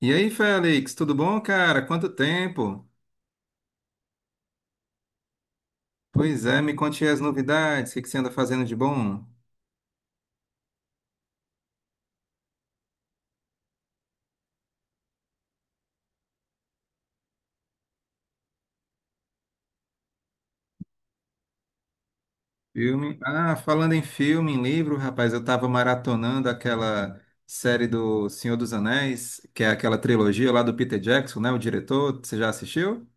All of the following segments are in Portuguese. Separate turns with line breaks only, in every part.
E aí, Félix, tudo bom, cara? Quanto tempo? Pois é, me conte aí as novidades, o que que você anda fazendo de bom? Filme? Ah, falando em filme, em livro, rapaz, eu tava maratonando aquela série do Senhor dos Anéis, que é aquela trilogia lá do Peter Jackson, né, o diretor, você já assistiu?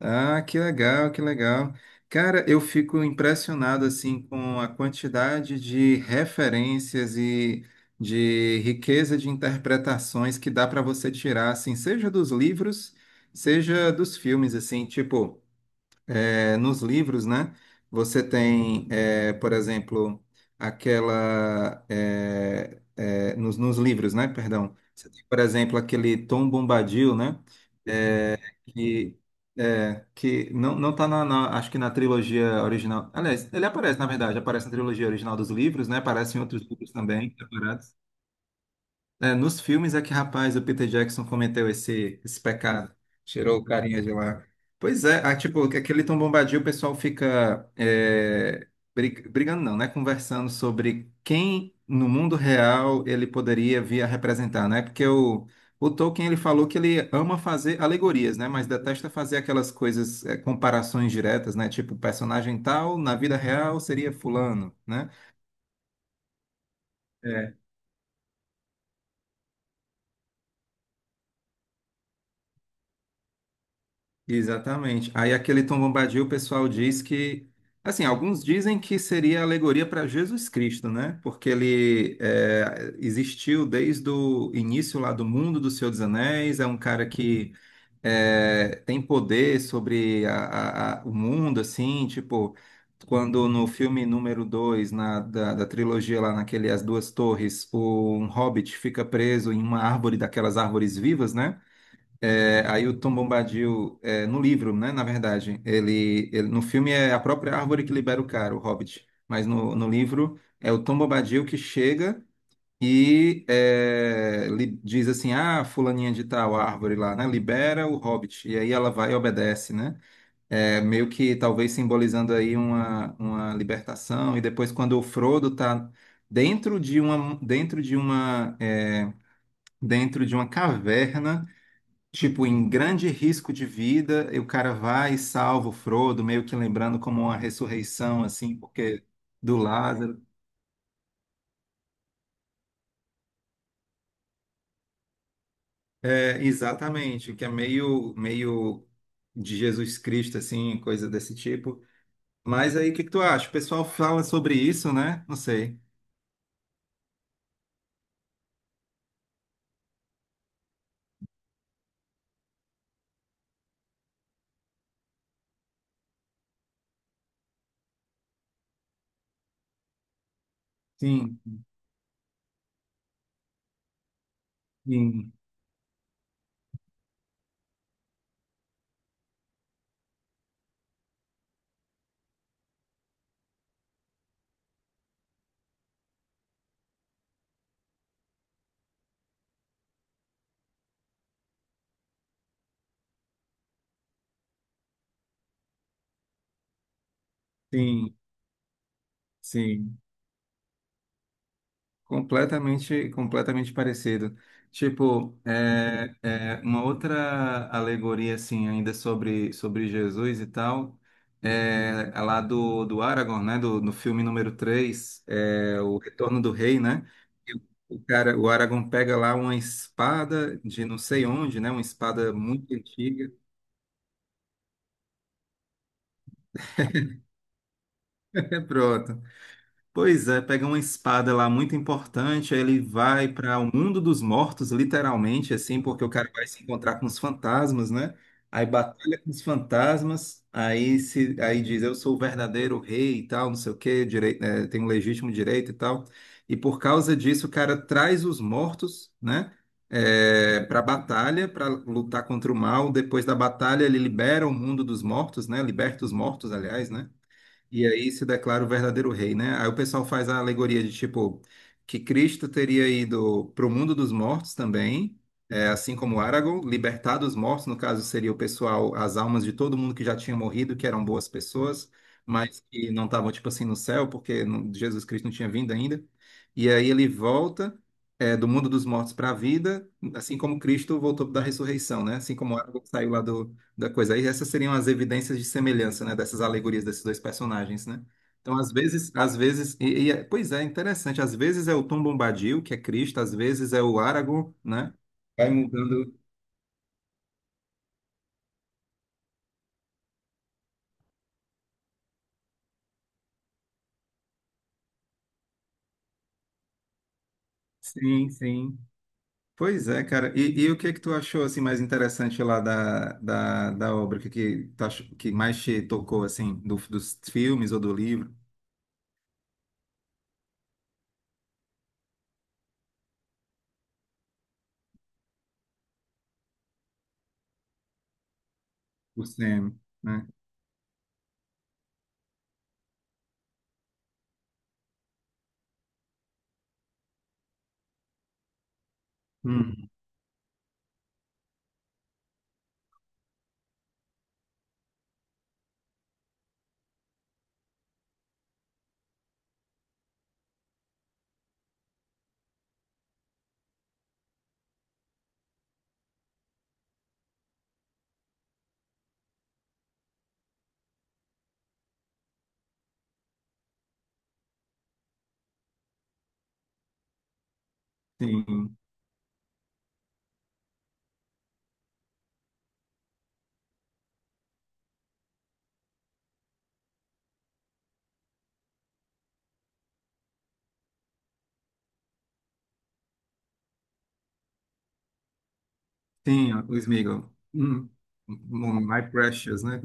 Ah, que legal, que legal. Cara, eu fico impressionado assim com a quantidade de referências e de riqueza de interpretações que dá para você tirar, assim, seja dos livros, seja dos filmes, assim, tipo, é, nos livros, né? Você tem, é, por exemplo, aquela é, nos livros, né? Perdão. Você tem, por exemplo, aquele Tom Bombadil, né? que que não tá na, acho que na trilogia original. Aliás, ele aparece, na verdade, aparece na trilogia original dos livros, né? Aparece em outros livros também, separados. É, nos filmes é que, rapaz, o Peter Jackson cometeu esse pecado. Tirou o carinha de lá. Pois é, ah, tipo, aquele Tom Bombadil, o pessoal fica é, brigando, não, né? Conversando sobre quem no mundo real ele poderia vir a representar, né? Porque o Tolkien, ele falou que ele ama fazer alegorias, né? Mas detesta fazer aquelas coisas, é, comparações diretas, né? Tipo, personagem tal, na vida real seria fulano, né? Exatamente. Aí aquele Tom Bombadil, o pessoal diz que, assim, alguns dizem que seria alegoria para Jesus Cristo, né? Porque ele é, existiu desde o início lá do mundo do Senhor dos Anéis, é um cara que é, tem poder sobre o mundo, assim, tipo, quando no filme número 2 da trilogia lá naquele As Duas Torres, um hobbit fica preso em uma árvore daquelas árvores vivas, né? É, aí o Tom Bombadil, é, no livro, né, na verdade, no filme é a própria árvore que libera o cara, o Hobbit, mas no livro é o Tom Bombadil que chega e diz assim, ah, fulaninha de tal árvore lá, né, libera o Hobbit, e aí ela vai e obedece, né, é, meio que talvez simbolizando aí uma libertação, e depois quando o Frodo tá dentro de uma, dentro de uma, é, dentro de uma caverna. Tipo, em grande risco de vida, e o cara vai e salva o Frodo, meio que lembrando como uma ressurreição, assim, porque do Lázaro. É, exatamente, que é meio, meio de Jesus Cristo, assim, coisa desse tipo. Mas aí, o que que tu acha? O pessoal fala sobre isso, né? Não sei. Sim, sim, sim, sim. Completamente, completamente parecido. Tipo, é uma outra alegoria, assim, ainda sobre Jesus e tal, é a lá do Aragorn, né? No filme número 3 é, O Retorno do Rei, né? E o cara, o Aragorn pega lá uma espada de não sei onde, né? Uma espada muito antiga. É pronto. Pois é, pega uma espada lá muito importante, aí ele vai para o mundo dos mortos, literalmente, assim, porque o cara vai se encontrar com os fantasmas, né? Aí batalha com os fantasmas, aí se, aí diz eu sou o verdadeiro rei e tal, não sei o quê, direito, é, tem um legítimo direito e tal. E por causa disso, o cara traz os mortos, né? É, para batalha, para lutar contra o mal. Depois da batalha, ele libera o mundo dos mortos, né? Liberta os mortos, aliás, né? E aí se declara o verdadeiro rei, né? Aí o pessoal faz a alegoria de tipo que Cristo teria ido para o mundo dos mortos também, é, assim como Aragorn, libertar dos mortos, no caso seria o pessoal, as almas de todo mundo que já tinha morrido, que eram boas pessoas, mas que não estavam tipo assim no céu, porque Jesus Cristo não tinha vindo ainda. E aí ele volta é, do mundo dos mortos para a vida, assim como Cristo voltou da ressurreição, né? Assim como Aragorn saiu lá do da coisa. Aí essas seriam as evidências de semelhança, né, dessas alegorias desses dois personagens, né? Então, às vezes, pois é, interessante. Às vezes é o Tom Bombadil, que é Cristo, às vezes é o Aragorn, né? Vai mudando. Sim, sim. Pois é, cara. E o que é que tu achou assim mais interessante lá da obra? O que é que, que mais te tocou assim dos filmes ou do livro? O Sam, né? Hum, sim, sim, o Sméagol. Hum, hum, my precious, né?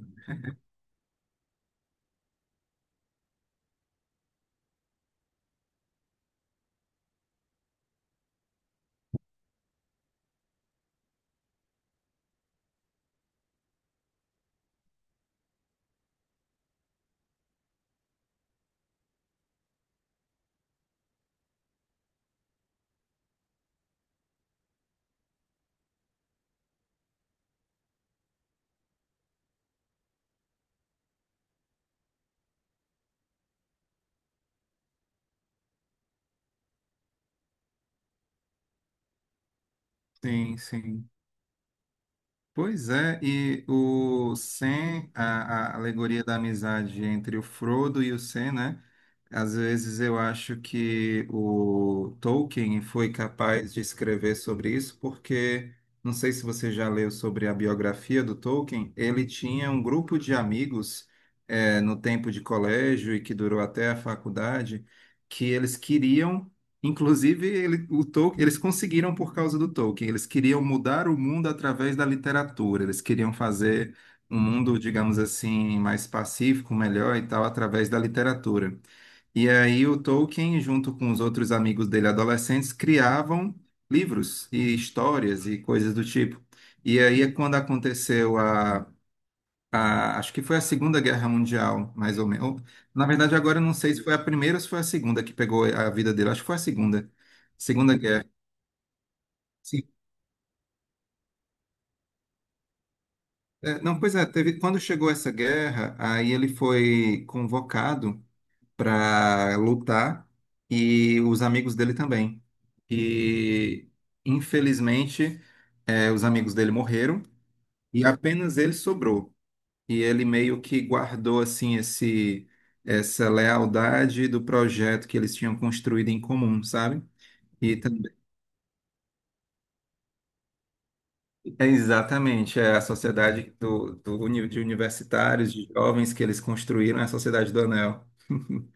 Sim, sim. Pois é, e o Sam, a alegoria da amizade entre o Frodo e o Sam, né? Às vezes eu acho que o Tolkien foi capaz de escrever sobre isso, porque não sei se você já leu sobre a biografia do Tolkien, ele tinha um grupo de amigos no tempo de colégio e que durou até a faculdade, que eles queriam. Inclusive, o Tolkien, eles conseguiram por causa do Tolkien. Eles queriam mudar o mundo através da literatura. Eles queriam fazer um mundo, digamos assim, mais pacífico, melhor e tal, através da literatura. E aí o Tolkien, junto com os outros amigos dele, adolescentes, criavam livros e histórias e coisas do tipo. E aí é quando aconteceu acho que foi a Segunda Guerra Mundial, mais ou menos. Na verdade, agora eu não sei se foi a primeira ou se foi a segunda que pegou a vida dele. Acho que foi a segunda. Segunda Guerra. Sim. É, não, pois é, teve, quando chegou essa guerra, aí ele foi convocado para lutar e os amigos dele também. E, infelizmente, é, os amigos dele morreram e apenas ele sobrou. E ele meio que guardou assim esse essa lealdade do projeto que eles tinham construído em comum, sabe? E também, é exatamente, é a sociedade de universitários, de jovens que eles construíram, é a Sociedade do Anel.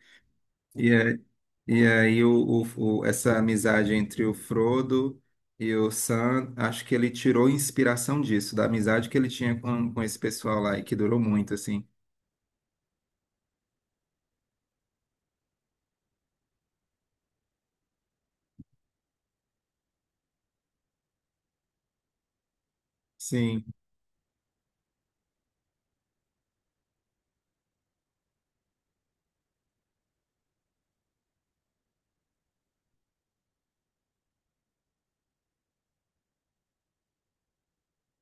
E, é, e aí essa amizade entre o Frodo e o Sam, acho que ele tirou inspiração disso, da amizade que ele tinha com esse pessoal lá e que durou muito, assim. Sim,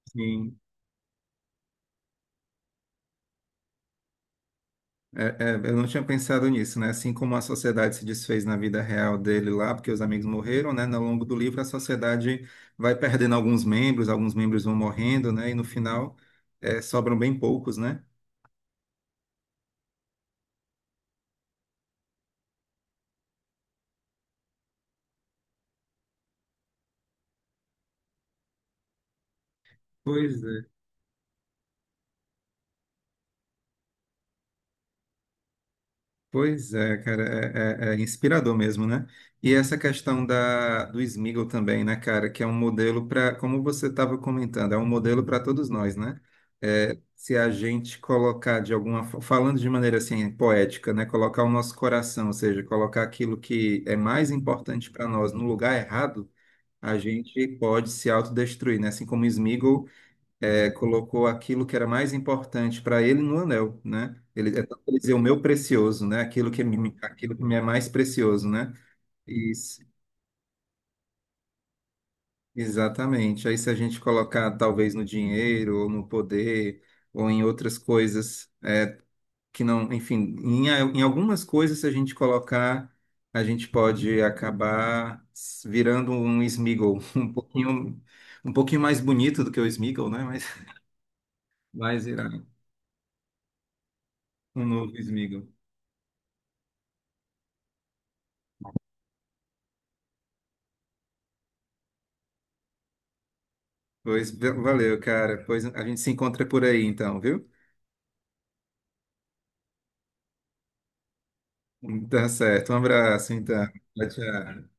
sim. É, é, eu não tinha pensado nisso, né? Assim como a sociedade se desfez na vida real dele lá, porque os amigos morreram, né? No longo do livro, a sociedade vai perdendo alguns membros vão morrendo, né? E no final, é, sobram bem poucos, né? Pois é. Pois é, cara, é inspirador mesmo, né? E essa questão do Smiggle também, né, cara, que é um modelo para, como você estava comentando, é um modelo para todos nós, né? É, se a gente colocar de alguma, falando de maneira assim poética, né, colocar o nosso coração, ou seja, colocar aquilo que é mais importante para nós no lugar errado, a gente pode se autodestruir, né? Assim como o Smiggle é, colocou aquilo que era mais importante para ele no anel, né? Ele é tanto ele dizer o meu precioso, né? Aquilo que me é mais precioso, né? Isso, exatamente. Aí se a gente colocar talvez no dinheiro ou no poder ou em outras coisas que não, enfim, em algumas coisas se a gente colocar. A gente pode acabar virando um Smeagol, um pouquinho mais bonito do que o Smeagol, né? Mas vai virar um novo Smeagol. Pois valeu, cara. Pois a gente se encontra por aí então, viu? Tá certo. Um abraço, então. Tchau, tchau.